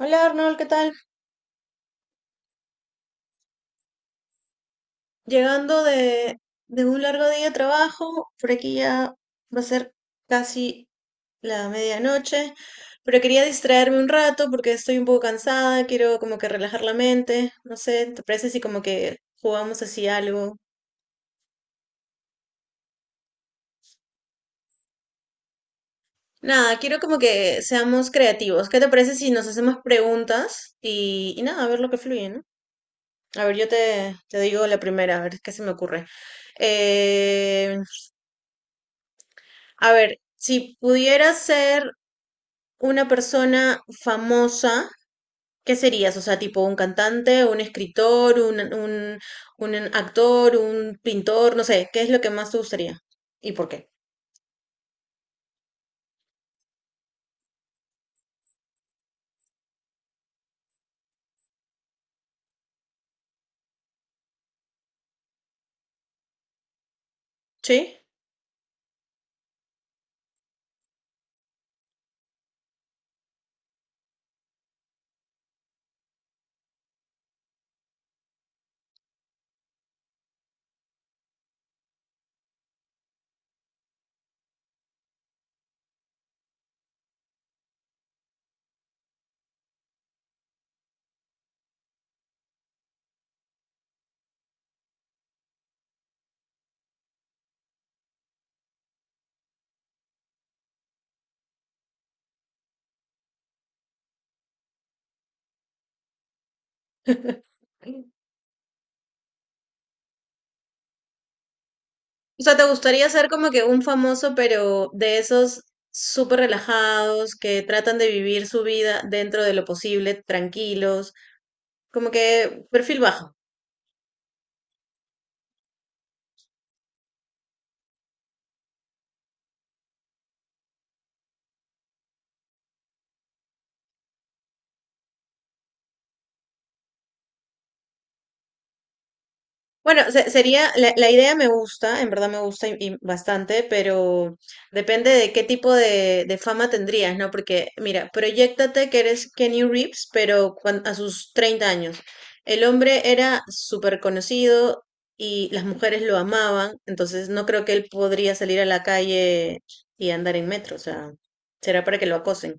Hola Arnold, ¿qué tal? Llegando de un largo día de trabajo. Por aquí ya va a ser casi la medianoche, pero quería distraerme un rato porque estoy un poco cansada. Quiero como que relajar la mente, no sé, ¿te parece si como que jugamos así algo? Nada, quiero como que seamos creativos. ¿Qué te parece si nos hacemos preguntas y nada, a ver lo que fluye, ¿no? A ver, yo te digo la primera, a ver qué se me ocurre. Eh, a ver, si pudieras ser una persona famosa, ¿qué serías? O sea, tipo un cantante, un escritor, un actor, un pintor, no sé, ¿qué es lo que más te gustaría? ¿Y por qué? ¿Sí? O sea, ¿te gustaría ser como que un famoso, pero de esos súper relajados, que tratan de vivir su vida dentro de lo posible, tranquilos, como que perfil bajo? Bueno, sería, la idea me gusta, en verdad me gusta y bastante, pero depende de qué tipo de fama tendrías, ¿no? Porque, mira, proyéctate que eres Kenny Reeves, pero a sus 30 años. El hombre era súper conocido y las mujeres lo amaban, entonces no creo que él podría salir a la calle y andar en metro. O sea, será para que lo acosen.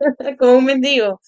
Como un mendigo.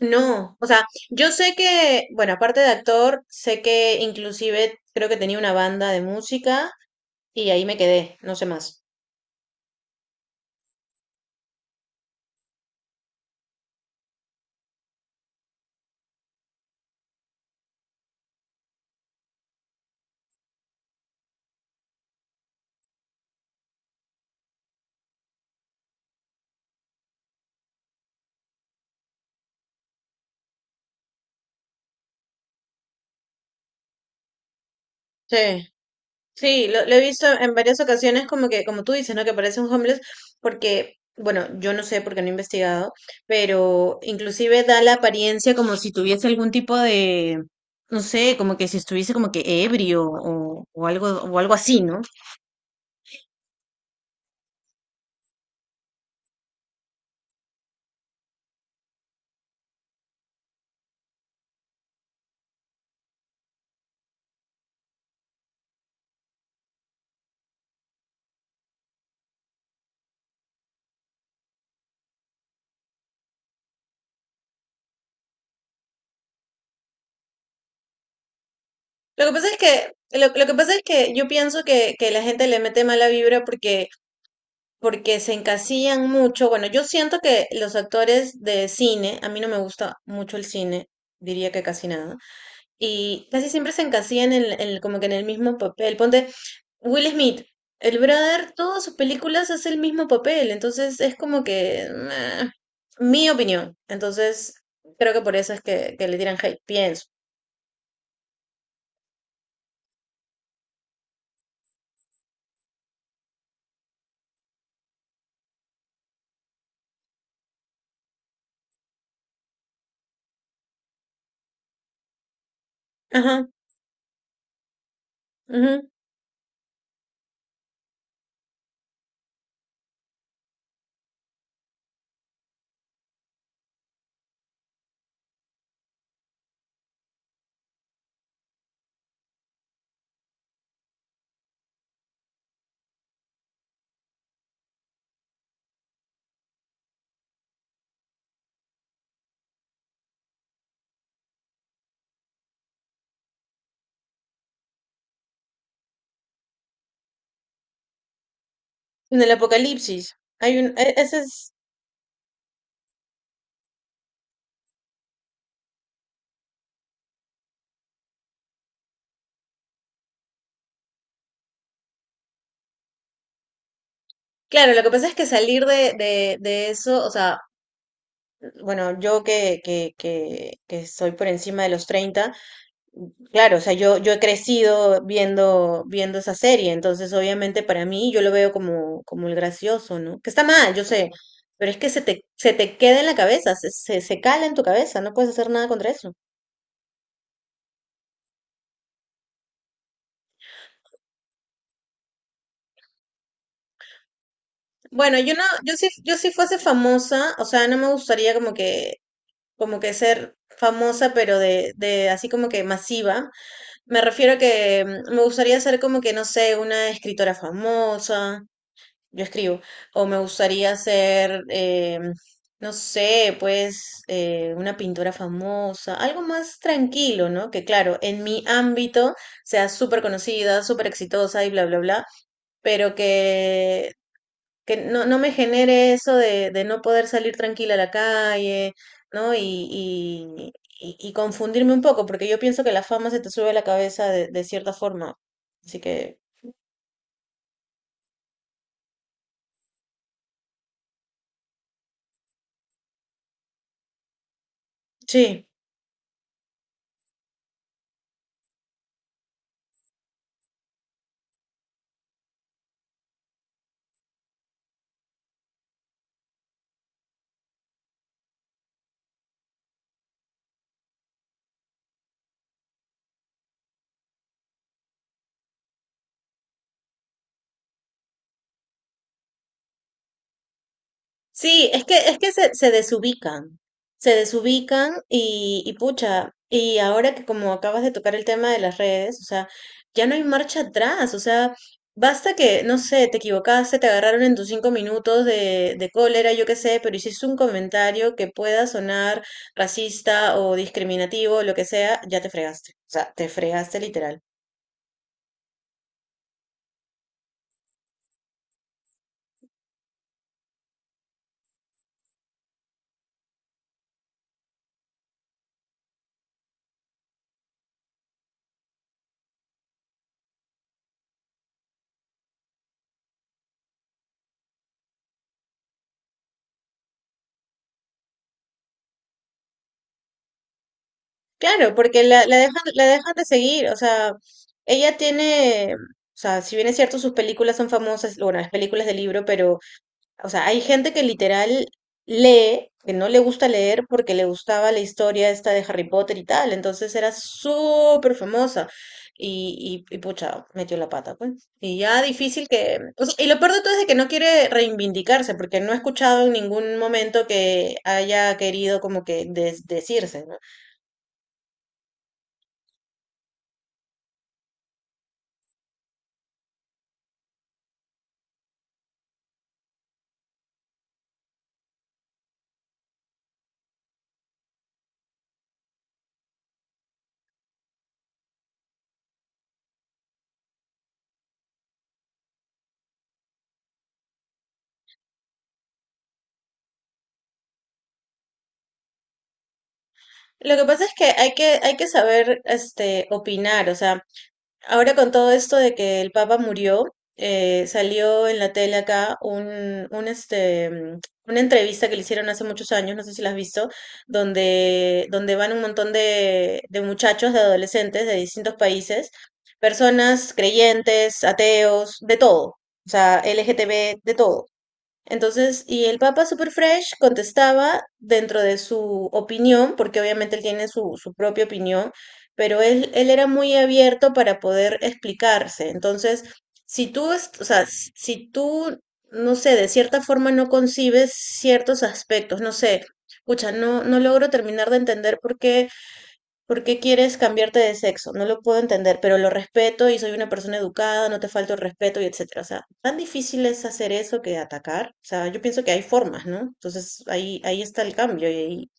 No, o sea, yo sé que, bueno, aparte de actor, sé que inclusive creo que tenía una banda de música y ahí me quedé, no sé más. Sí, sí, lo he visto en varias ocasiones como que, como tú dices, ¿no? Que parece un homeless porque, bueno, yo no sé porque no he investigado, pero inclusive da la apariencia como si tuviese algún tipo de, no sé, como que si estuviese como que ebrio o algo así, ¿no? Lo que pasa es que, lo que pasa es que yo pienso que la gente le mete mala vibra porque, porque se encasillan mucho. Bueno, yo siento que los actores de cine, a mí no me gusta mucho el cine, diría que casi nada, y casi siempre se encasillan en, como que en el mismo papel. Ponte Will Smith, el brother, todas sus películas hace el mismo papel, entonces es como que, meh, mi opinión. Entonces, creo que por eso es que le tiran hate, pienso. Ajá. En el apocalipsis. Hay un, ese es. Claro, lo que pasa es que salir de eso. O sea, bueno, yo que soy por encima de los 30, claro, o sea, yo he crecido viendo, viendo esa serie, entonces obviamente para mí yo lo veo como, como el gracioso, ¿no? Que está mal, yo sé, pero es que se te queda en la cabeza, se cala en tu cabeza, no puedes hacer nada contra eso. Bueno, yo no, yo si fuese famosa, o sea, no me gustaría como que ser famosa, pero de así como que masiva. Me refiero a que me gustaría ser como que, no sé, una escritora famosa, yo escribo, o me gustaría ser, no sé, pues una pintora famosa, algo más tranquilo, ¿no? Que claro, en mi ámbito sea súper conocida, súper exitosa y bla, bla, bla, pero que no me genere eso de no poder salir tranquila a la calle, ¿no? Y, y confundirme un poco, porque yo pienso que la fama se te sube a la cabeza de cierta forma. Así que, sí. Sí, es que se desubican y pucha, y ahora que como acabas de tocar el tema de las redes, o sea, ya no hay marcha atrás. O sea, basta que, no sé, te equivocaste, te agarraron en tus 5 minutos de cólera, yo qué sé, pero hiciste un comentario que pueda sonar racista o discriminativo, lo que sea, ya te fregaste, o sea, te fregaste literal. Claro, porque la dejan de seguir. O sea, ella tiene, o sea, si bien es cierto, sus películas son famosas, bueno, las películas del libro, pero, o sea, hay gente que literal lee, que no le gusta leer porque le gustaba la historia esta de Harry Potter y tal, entonces era súper famosa y pucha, metió la pata, pues. Y ya difícil que, o sea, y lo peor de todo es de que no quiere reivindicarse, porque no he escuchado en ningún momento que haya querido como que decirse, ¿no? Lo que pasa es que hay que, hay que saber este, opinar. O sea, ahora con todo esto de que el Papa murió, salió en la tele acá este, una entrevista que le hicieron hace muchos años, no sé si la has visto, donde van un montón de muchachos, de adolescentes de distintos países, personas creyentes, ateos, de todo, o sea, LGTB, de todo. Entonces, y el Papa Super Fresh contestaba dentro de su opinión, porque obviamente él tiene su, su propia opinión, pero él era muy abierto para poder explicarse. Entonces, si tú, o sea, si tú, no sé, de cierta forma no concibes ciertos aspectos, no sé, escucha, no, no logro terminar de entender por qué. ¿Por qué quieres cambiarte de sexo? No lo puedo entender, pero lo respeto y soy una persona educada, no te falto el respeto y etcétera. O sea, tan difícil es hacer eso que atacar. O sea, yo pienso que hay formas, ¿no? Entonces ahí, ahí está el cambio y ahí,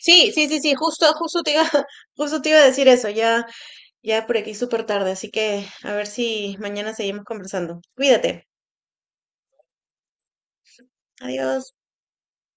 sí, justo, justo te iba a decir eso, ya, ya por aquí súper tarde, así que a ver si mañana seguimos conversando. Cuídate. Adiós.